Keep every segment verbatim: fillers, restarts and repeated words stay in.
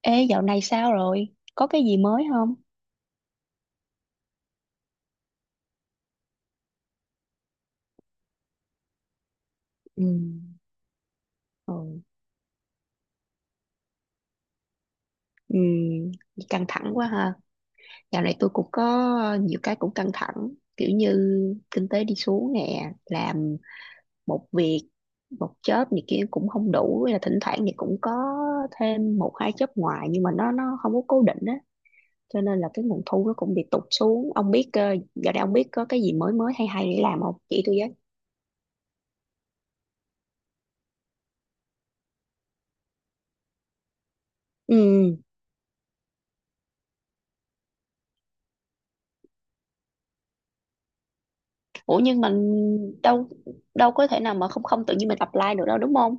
Ê, dạo này sao rồi? Có cái gì mới không? Ừ. Ừ. Ừ, căng thẳng quá ha. Dạo này tôi cũng có nhiều cái cũng căng thẳng. Kiểu như kinh tế đi xuống nè, làm một việc, một job này kia cũng không đủ. Hay là thỉnh thoảng thì cũng có thêm một hai job ngoài nhưng mà nó nó không có cố định á. Cho nên là cái nguồn thu nó cũng bị tụt xuống. Ông biết, ờ, dạo này ông biết có cái gì mới mới hay hay để làm không? Chỉ tôi với. Ừ, ủa nhưng mình đâu đâu có thể nào mà không không tự nhiên mình apply được đâu đúng không?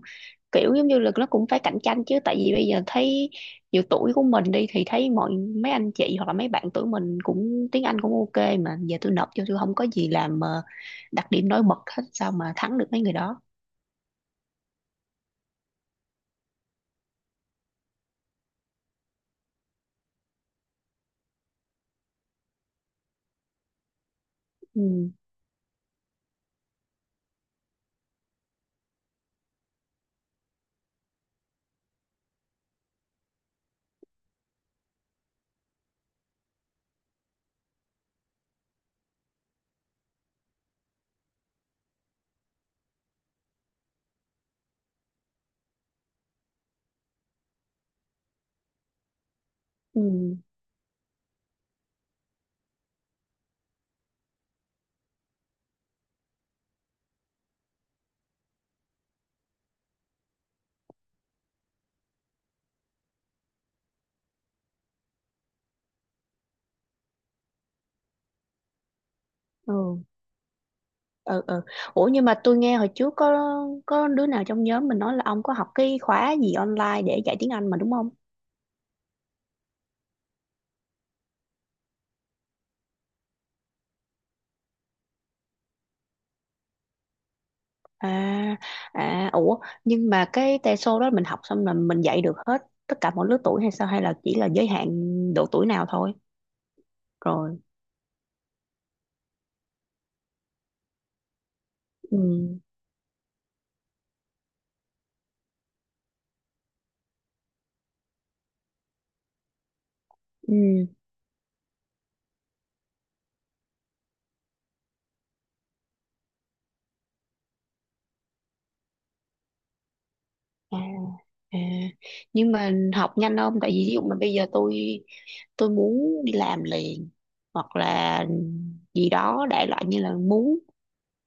Kiểu giống như là nó cũng phải cạnh tranh chứ, tại vì bây giờ thấy nhiều tuổi của mình đi thì thấy mọi mấy anh chị hoặc là mấy bạn tuổi mình cũng tiếng Anh cũng ok, mà giờ tôi nộp cho tôi không có gì làm ờ, đặc điểm nổi bật hết, sao mà thắng được mấy người đó? Ừ ừ ừ ừ ừ. Ủa nhưng mà tôi nghe hồi trước có có đứa nào trong nhóm mình nói là ông có học cái khóa gì online để dạy tiếng Anh mà đúng không? À, à, ủa, nhưng mà cái teso đó mình học xong là mình dạy được hết tất cả mọi lứa tuổi hay sao? Hay là chỉ là giới hạn độ tuổi nào thôi? Rồi. Ừ. Ừ. À, à. Nhưng mà học nhanh không? Tại vì ví dụ mà bây giờ tôi tôi muốn đi làm liền, hoặc là gì đó đại loại như là muốn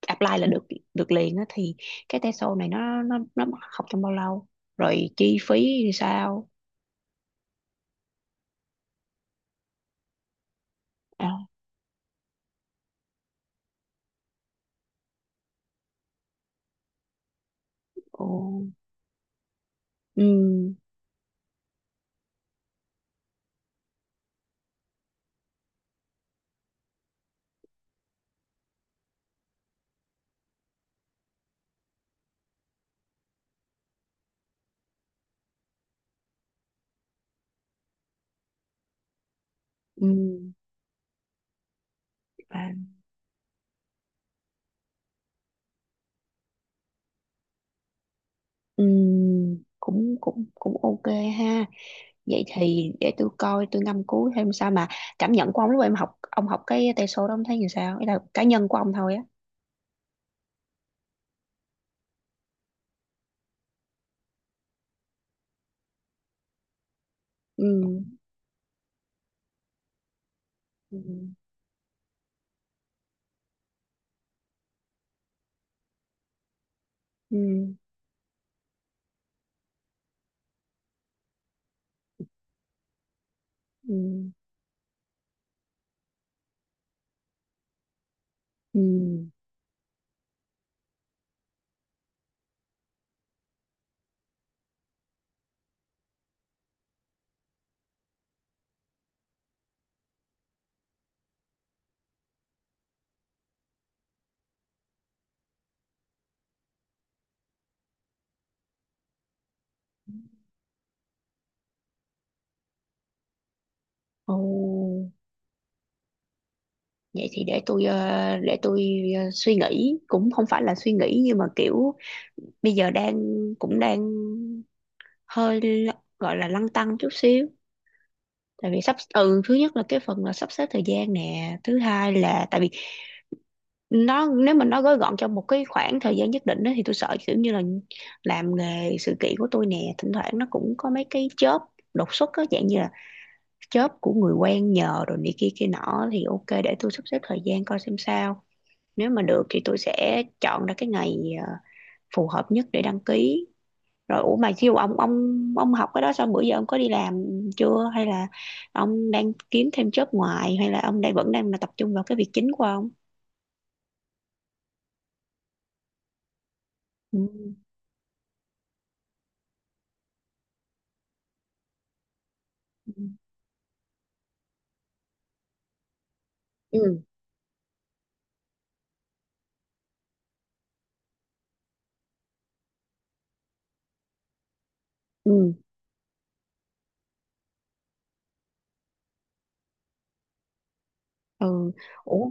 apply là được được liền á, thì cái teso này nó nó nó học trong bao lâu? Rồi chi phí thì sao? À, ồ. Ừ. Ừ. Và Ừm, cũng cũng cũng ok ha. Vậy thì để tôi coi, tôi ngâm cứu thêm. Sao mà cảm nhận của ông lúc em học, ông học cái tay số đó, ông thấy như sao? Ý là cá nhân của ông thôi á. Ừ. Ừ. Ừ. Ừ. Ừ. Ồ, vậy thì để tôi ờ, để tôi ờ, suy nghĩ, cũng không phải là suy nghĩ nhưng mà kiểu bây giờ đang cũng đang hơi l- gọi là lăn tăn chút xíu. Tại vì sắp ừ thứ nhất là cái phần là sắp xếp thời gian nè, thứ hai là tại vì nó, nếu mà nó gói gọn trong một cái khoảng thời gian nhất định đó, thì tôi sợ kiểu như là làm nghề sự kiện của tôi nè, thỉnh thoảng nó cũng có mấy cái chớp đột xuất á, dạng như là chớp của người quen nhờ rồi này kia kia nọ. Thì ok, để tôi sắp xếp thời gian coi xem sao. Nếu mà được thì tôi sẽ chọn ra cái ngày ờ, phù hợp nhất để đăng ký. Rồi ủa mà chiêu ông, ông ông học cái đó xong bữa giờ ông có đi làm chưa, hay là ông đang kiếm thêm job ngoài, hay là ông đang vẫn đang là tập trung vào cái việc chính của ông? Ừ. Ừ. Ừ. Ừ. Ừ. Ủa.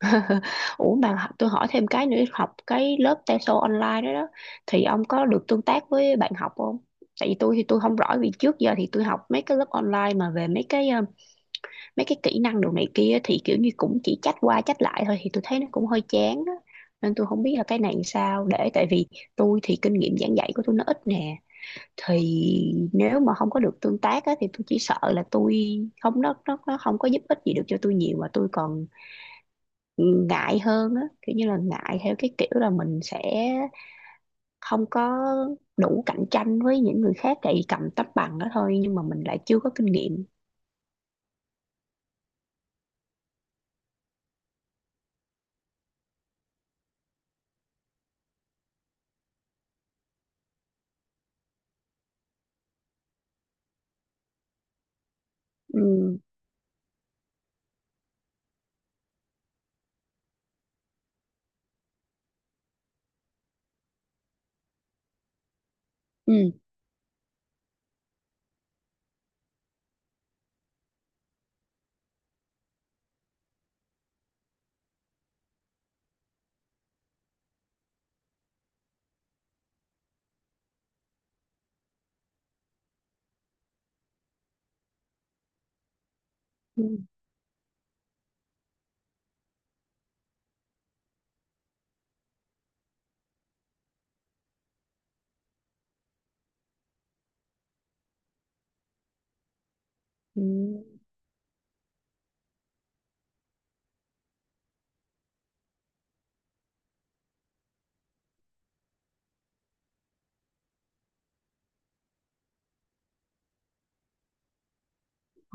Ủa mà tôi hỏi thêm cái nữa, học cái lớp TESOL online đó đó, thì ông có được tương tác với bạn học không? Tại vì tôi thì tôi không rõ, vì trước giờ thì tôi học mấy cái lớp online mà về mấy cái ờ, mấy cái kỹ năng đồ này kia, thì kiểu như cũng chỉ trách qua trách lại thôi, thì tôi thấy nó cũng hơi chán á. Nên tôi không biết là cái này làm sao, để tại vì tôi thì kinh nghiệm giảng dạy của tôi nó ít nè, thì nếu mà không có được tương tác á, thì tôi chỉ sợ là tôi không, nó nó nó không có giúp ích gì được cho tôi nhiều, mà tôi còn ngại hơn á, kiểu như là ngại theo cái kiểu là mình sẽ không có đủ cạnh tranh với những người khác, tại vì cầm tấm bằng đó thôi nhưng mà mình lại chưa có kinh nghiệm. Ừ. Ừ. Ừ. Ừ.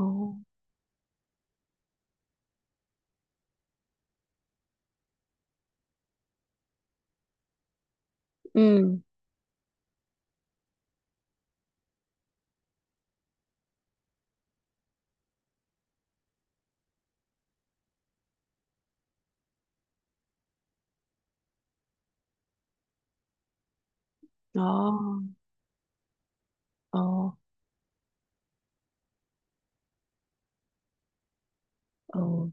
Ồ. Ừ. Ồ. Ồ. Ừ.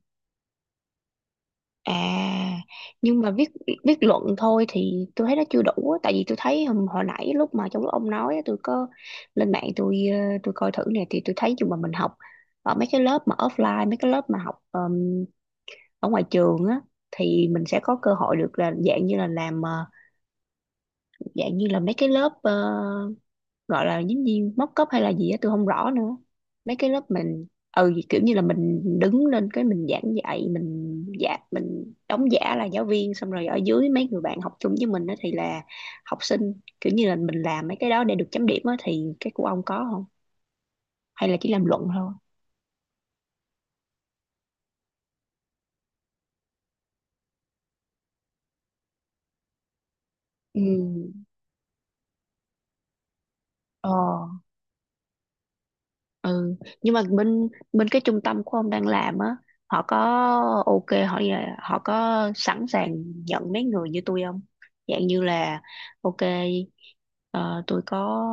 À. Nhưng mà viết viết luận thôi thì tôi thấy nó chưa đủ á. Tại vì tôi thấy hồi, hồi nãy lúc mà trong lúc ông nói á, tôi có lên mạng tôi ờ, tôi coi thử nè, thì tôi thấy dù mà mình học ở mấy cái lớp mà offline, mấy cái lớp mà học ờm, ở ngoài trường á, thì mình sẽ có cơ hội được là dạng như là làm ờ, dạng như là mấy cái lớp ờ, gọi là giống như móc cóp hay là gì á tôi không rõ nữa. Mấy cái lớp mình ừ, kiểu như là mình đứng lên cái mình giảng dạy, mình giả, mình đóng giả là giáo viên, xong rồi ở dưới mấy người bạn học chung với mình đó thì là học sinh, kiểu như là mình làm mấy cái đó để được chấm điểm á, thì cái của ông có không, hay là chỉ làm luận thôi? Ừ. Ờ. Ừ, nhưng mà bên bên cái trung tâm của ông đang làm á, họ có ok, họ ờ, họ có sẵn sàng nhận mấy người như tôi không, dạng như là ok ờ, tôi có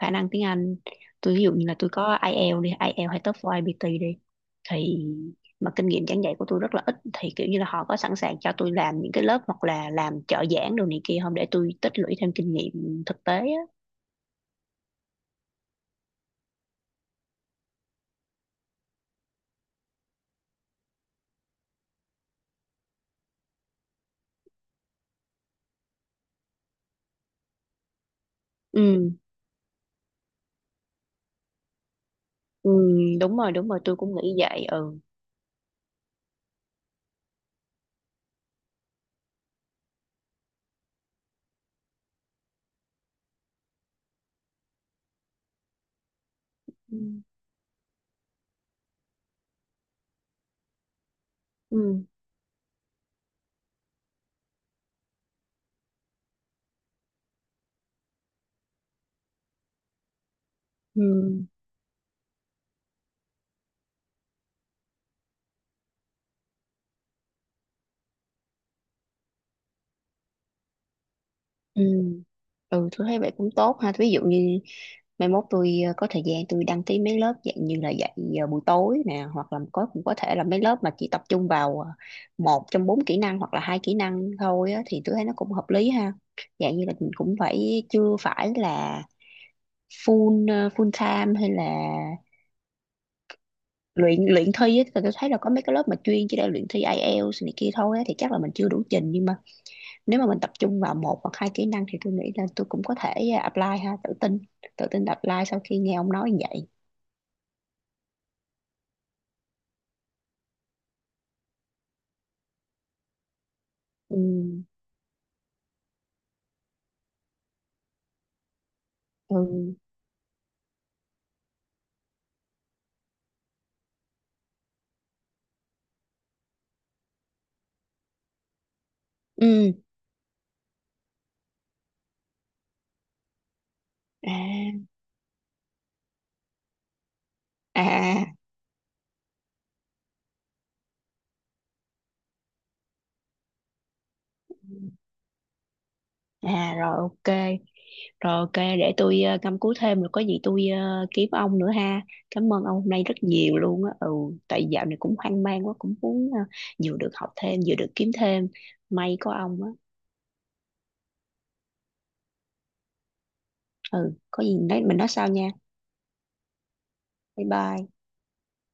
khả năng tiếng Anh, tôi ví dụ như là tôi có IELTS đi, IELTS hay TOEFL ai bi ti đi, thì mà kinh nghiệm giảng dạy của tôi rất là ít, thì kiểu như là họ có sẵn sàng cho tôi làm những cái lớp hoặc là làm trợ giảng đồ này kia không, để tôi tích lũy thêm kinh nghiệm thực tế á? Ừ. Ừ. Đúng rồi, đúng rồi, tôi cũng nghĩ vậy. Ừ. Ừ. Ừ. Ừ. Ừ. Ừ, tôi thấy vậy cũng tốt ha. Ví dụ như mai mốt tôi ờ, có thời gian tôi đăng ký mấy lớp dạng như là dạy ờ, buổi tối nè, hoặc là có cũng có thể là mấy lớp mà chỉ tập trung vào ờ, một trong bốn kỹ năng hoặc là hai kỹ năng thôi á, thì tôi thấy nó cũng hợp lý ha. Dạng như là mình cũng phải chưa phải là full ờ, full time, hay là luyện luyện thi á. Tại tôi thấy là có mấy cái lớp mà chuyên chỉ để luyện thi ai eo này kia thôi á, thì chắc là mình chưa đủ trình, nhưng mà nếu mà mình tập trung vào một hoặc hai kỹ năng thì tôi nghĩ là tôi cũng có thể à, apply ha. Tự tin tự tin apply sau khi nghe ông nói như vậy. Ừ. Ừ. Ừ. À. À. À, rồi ok. Rồi ok, để tôi uh, căm cú thêm, rồi có gì tôi ờ, kiếm ông nữa ha. Cảm ơn ông hôm nay rất nhiều luôn á. Ừ, tại dạo này cũng hoang mang quá, cũng muốn ờ, vừa được học thêm vừa được kiếm thêm, may có ông á. Ừ, có gì nói mình nói sau nha. Bye bye.